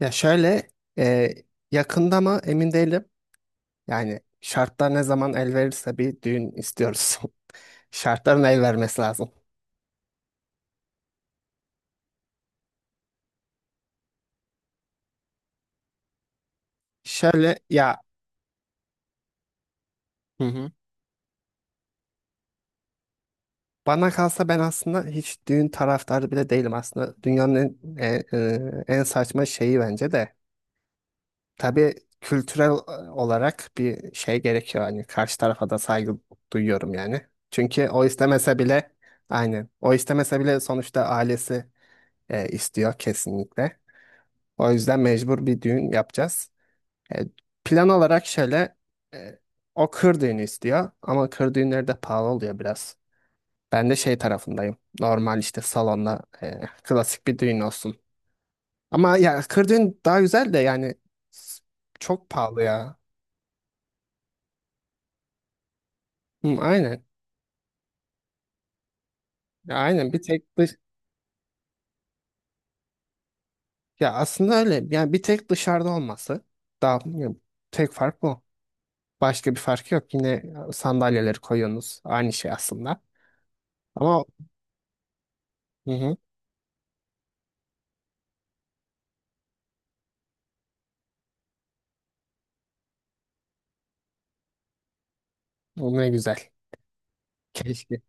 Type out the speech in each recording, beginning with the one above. Ya şöyle, e, yakında mı emin değilim. Yani şartlar ne zaman el verirse bir düğün istiyoruz. Şartların el vermesi lazım. Şöyle ya. Hı hı. Bana kalsa ben aslında hiç düğün taraftarı bile değilim aslında. Dünyanın en saçma şeyi bence de. Tabii, kültürel olarak bir şey gerekiyor. Hani karşı tarafa da saygı duyuyorum yani. Çünkü o istemese bile aynen o istemese bile sonuçta ailesi istiyor kesinlikle. O yüzden mecbur bir düğün yapacağız. E, Plan olarak şöyle, e, o kır düğünü istiyor ama kır düğünleri de pahalı oluyor biraz. Ben de şey tarafındayım. Normal işte salonda klasik bir düğün olsun. Ama ya kır düğün daha güzel de yani, s- çok pahalı ya. Hı, aynen. Ya aynen bir tek dış. Ya aslında öyle. Yani bir tek dışarıda olması daha ya, tek fark bu. Başka bir fark yok. Yine sandalyeleri koyuyorsunuz. Aynı şey aslında. Ama. Hı hı. O ne güzel. Keşke.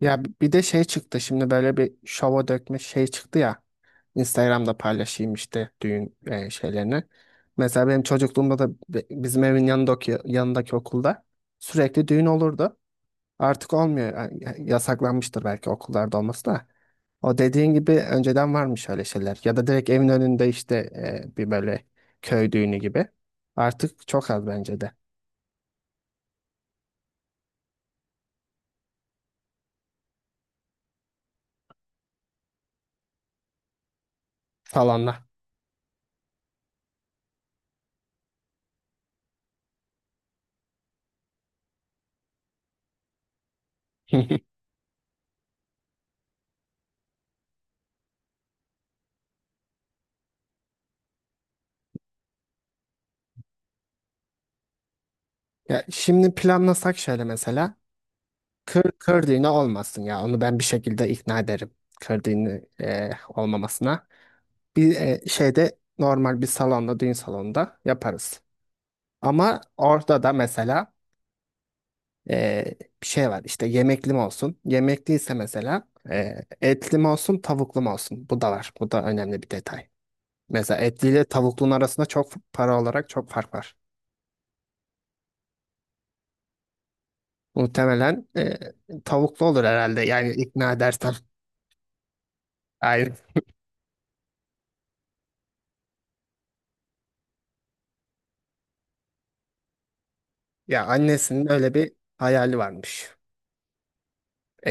Ya bir de şey çıktı şimdi, böyle bir şova dökme şey çıktı ya. Instagram'da paylaşayım işte düğün şeylerini. Mesela benim çocukluğumda da bizim evin yanındaki okulda sürekli düğün olurdu. Artık olmuyor. Yani yasaklanmıştır belki okullarda olması da. O dediğin gibi önceden varmış öyle şeyler. Ya da direkt evin önünde işte, bir böyle köy düğünü gibi. Artık çok az bence de. Salonlar. Ya şimdi planlasak şöyle mesela. Kır düğünü olmasın ya. Onu ben bir şekilde ikna ederim. Kır düğünü olmamasına. Bir şeyde normal bir salonda, düğün salonunda yaparız. Ama orada da mesela e, bir şey var. İşte yemekli mi olsun? Yemekliyse mesela etli mi olsun, tavuklu mu olsun? Bu da var. Bu da önemli bir detay. Mesela etli ile tavuklunun arasında çok para olarak çok fark var. Muhtemelen tavuklu olur herhalde. Yani ikna edersem. Ya annesinin öyle bir hayali varmış.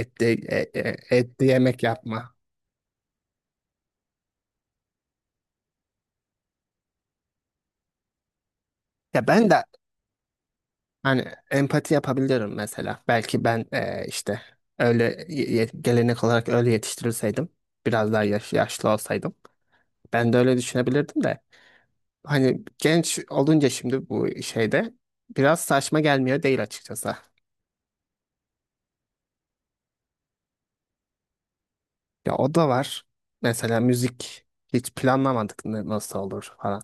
Etli, etli yemek yapma. Ya ben de hani empati yapabiliyorum mesela. Belki ben işte öyle gelenek olarak öyle yetiştirilseydim. Biraz daha yaşlı olsaydım. Ben de öyle düşünebilirdim de. Hani genç olunca şimdi bu şeyde biraz saçma gelmiyor değil açıkçası. Ya o da var. Mesela müzik hiç planlamadık, nasıl olur falan.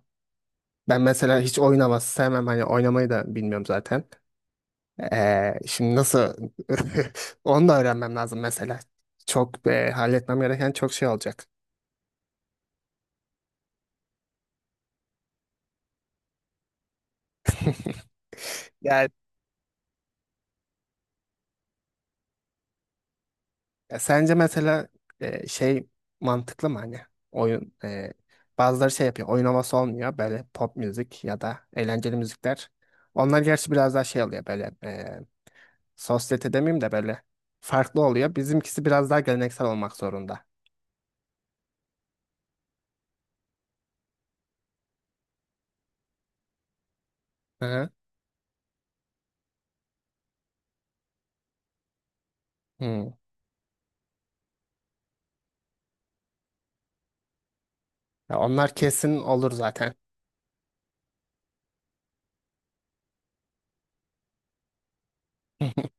Ben mesela hiç oynaması sevmem. Hani oynamayı da bilmiyorum zaten. Şimdi nasıl onu da öğrenmem lazım mesela. Çok halletmem gereken çok şey olacak. Yani, sence mesela şey mantıklı mı, hani oyun bazıları şey yapıyor, oyun havası olmuyor böyle pop müzik ya da eğlenceli müzikler. Onlar gerçi biraz daha şey oluyor böyle, sosyete demeyeyim de böyle farklı oluyor. Bizimkisi biraz daha geleneksel olmak zorunda. Hı hı. Hmm. Ya onlar kesin olur zaten.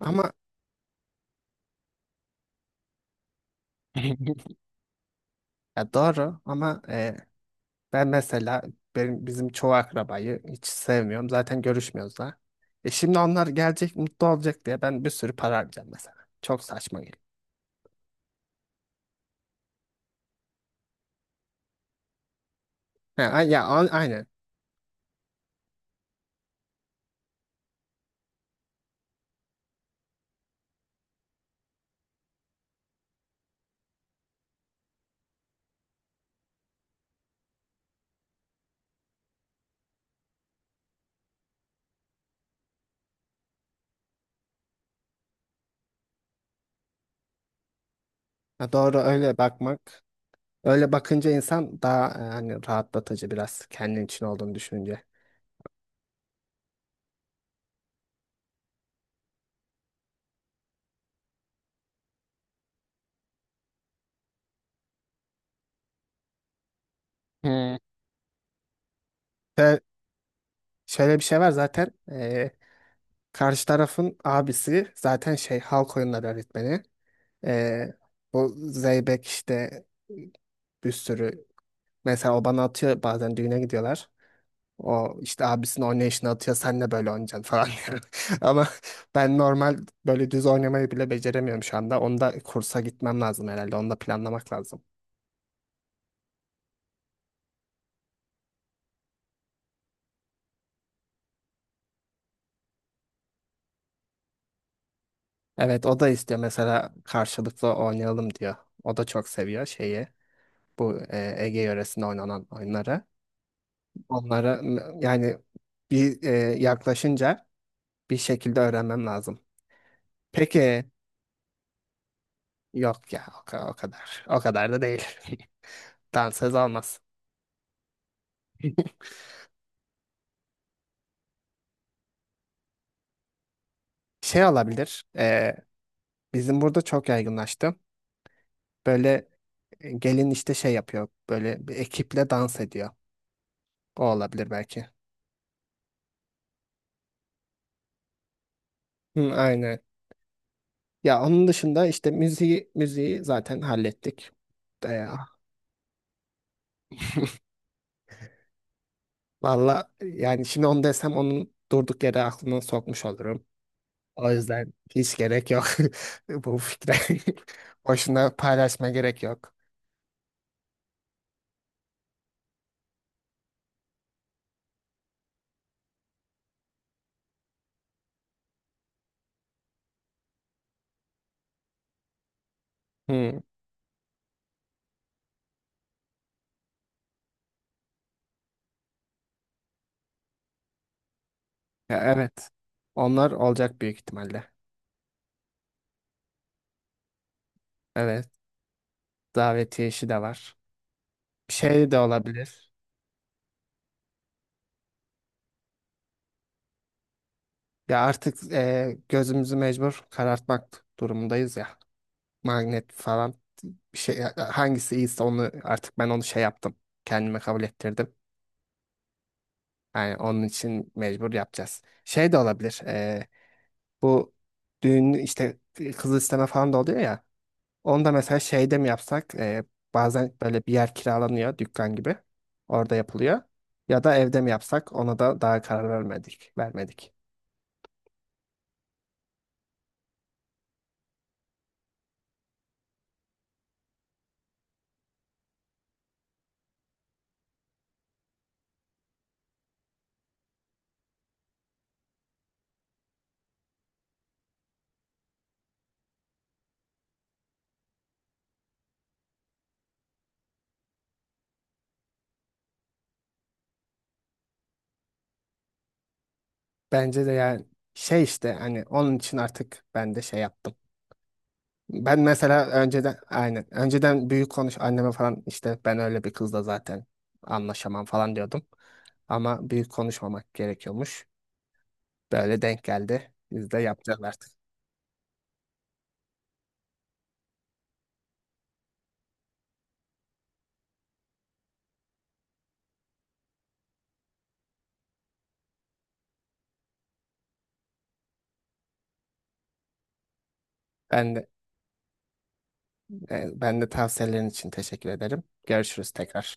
Ama ya doğru, ama Ben mesela benim, bizim çoğu akrabayı hiç sevmiyorum. Zaten görüşmüyoruz da. Şimdi onlar gelecek mutlu olacak diye ben bir sürü para harcayacağım mesela. Çok saçma geliyor. Ha, aynen. Ha, doğru öyle bakmak. Öyle bakınca insan daha hani rahatlatıcı, biraz kendin için olduğunu düşününce. Hmm. Ve şöyle bir şey var zaten, karşı tarafın abisi zaten şey halk oyunları öğretmeni. Eee, Bu Zeybek işte bir sürü. Mesela o bana atıyor bazen, düğüne gidiyorlar. O işte abisinin oynayışını atıyor, sen de böyle oynayacaksın falan diyor. Ama ben normal böyle düz oynamayı bile beceremiyorum şu anda. Onu kursa gitmem lazım herhalde. Onu da planlamak lazım. Evet, o da istiyor mesela, karşılıklı oynayalım diyor. O da çok seviyor şeyi. Bu Ege yöresinde oynanan oyunları. Onlara yani bir yaklaşınca bir şekilde öğrenmem lazım. Peki yok ya, o kadar. O kadar da değil. Dansöz olmaz. Şey olabilir. Bizim burada çok yaygınlaştı. Böyle, gelin işte şey yapıyor. Böyle bir ekiple dans ediyor. O olabilir belki. Hı, aynen. Ya onun dışında işte müziği zaten hallettik. E, Valla yani şimdi onu desem onun durduk yere aklına sokmuş olurum. O yüzden hiç gerek yok bu fikre. Boşuna paylaşma, gerek yok. Hı, ya evet. Onlar olacak büyük ihtimalle. Evet. Davetiye işi de var. Şey de olabilir. Ya artık gözümüzü mecbur karartmak durumundayız ya. Magnet falan, bir şey hangisi iyiyse onu artık ben onu şey yaptım. Kendime kabul ettirdim. Yani onun için mecbur yapacağız. Şey de olabilir. Bu düğün işte kız isteme falan da oluyor ya. Onu da mesela şeyde mi yapsak? Bazen böyle bir yer kiralanıyor, dükkan gibi. Orada yapılıyor. Ya da evde mi yapsak? Ona da daha karar vermedik. Vermedik. Bence de yani şey işte, hani onun için artık ben de şey yaptım. Ben mesela önceden, aynen önceden büyük konuş anneme falan, işte ben öyle bir kızla zaten anlaşamam falan diyordum. Ama büyük konuşmamak gerekiyormuş. Böyle denk geldi. Biz de yapacağız artık. Ben de, ben de tavsiyelerin için teşekkür ederim. Görüşürüz tekrar.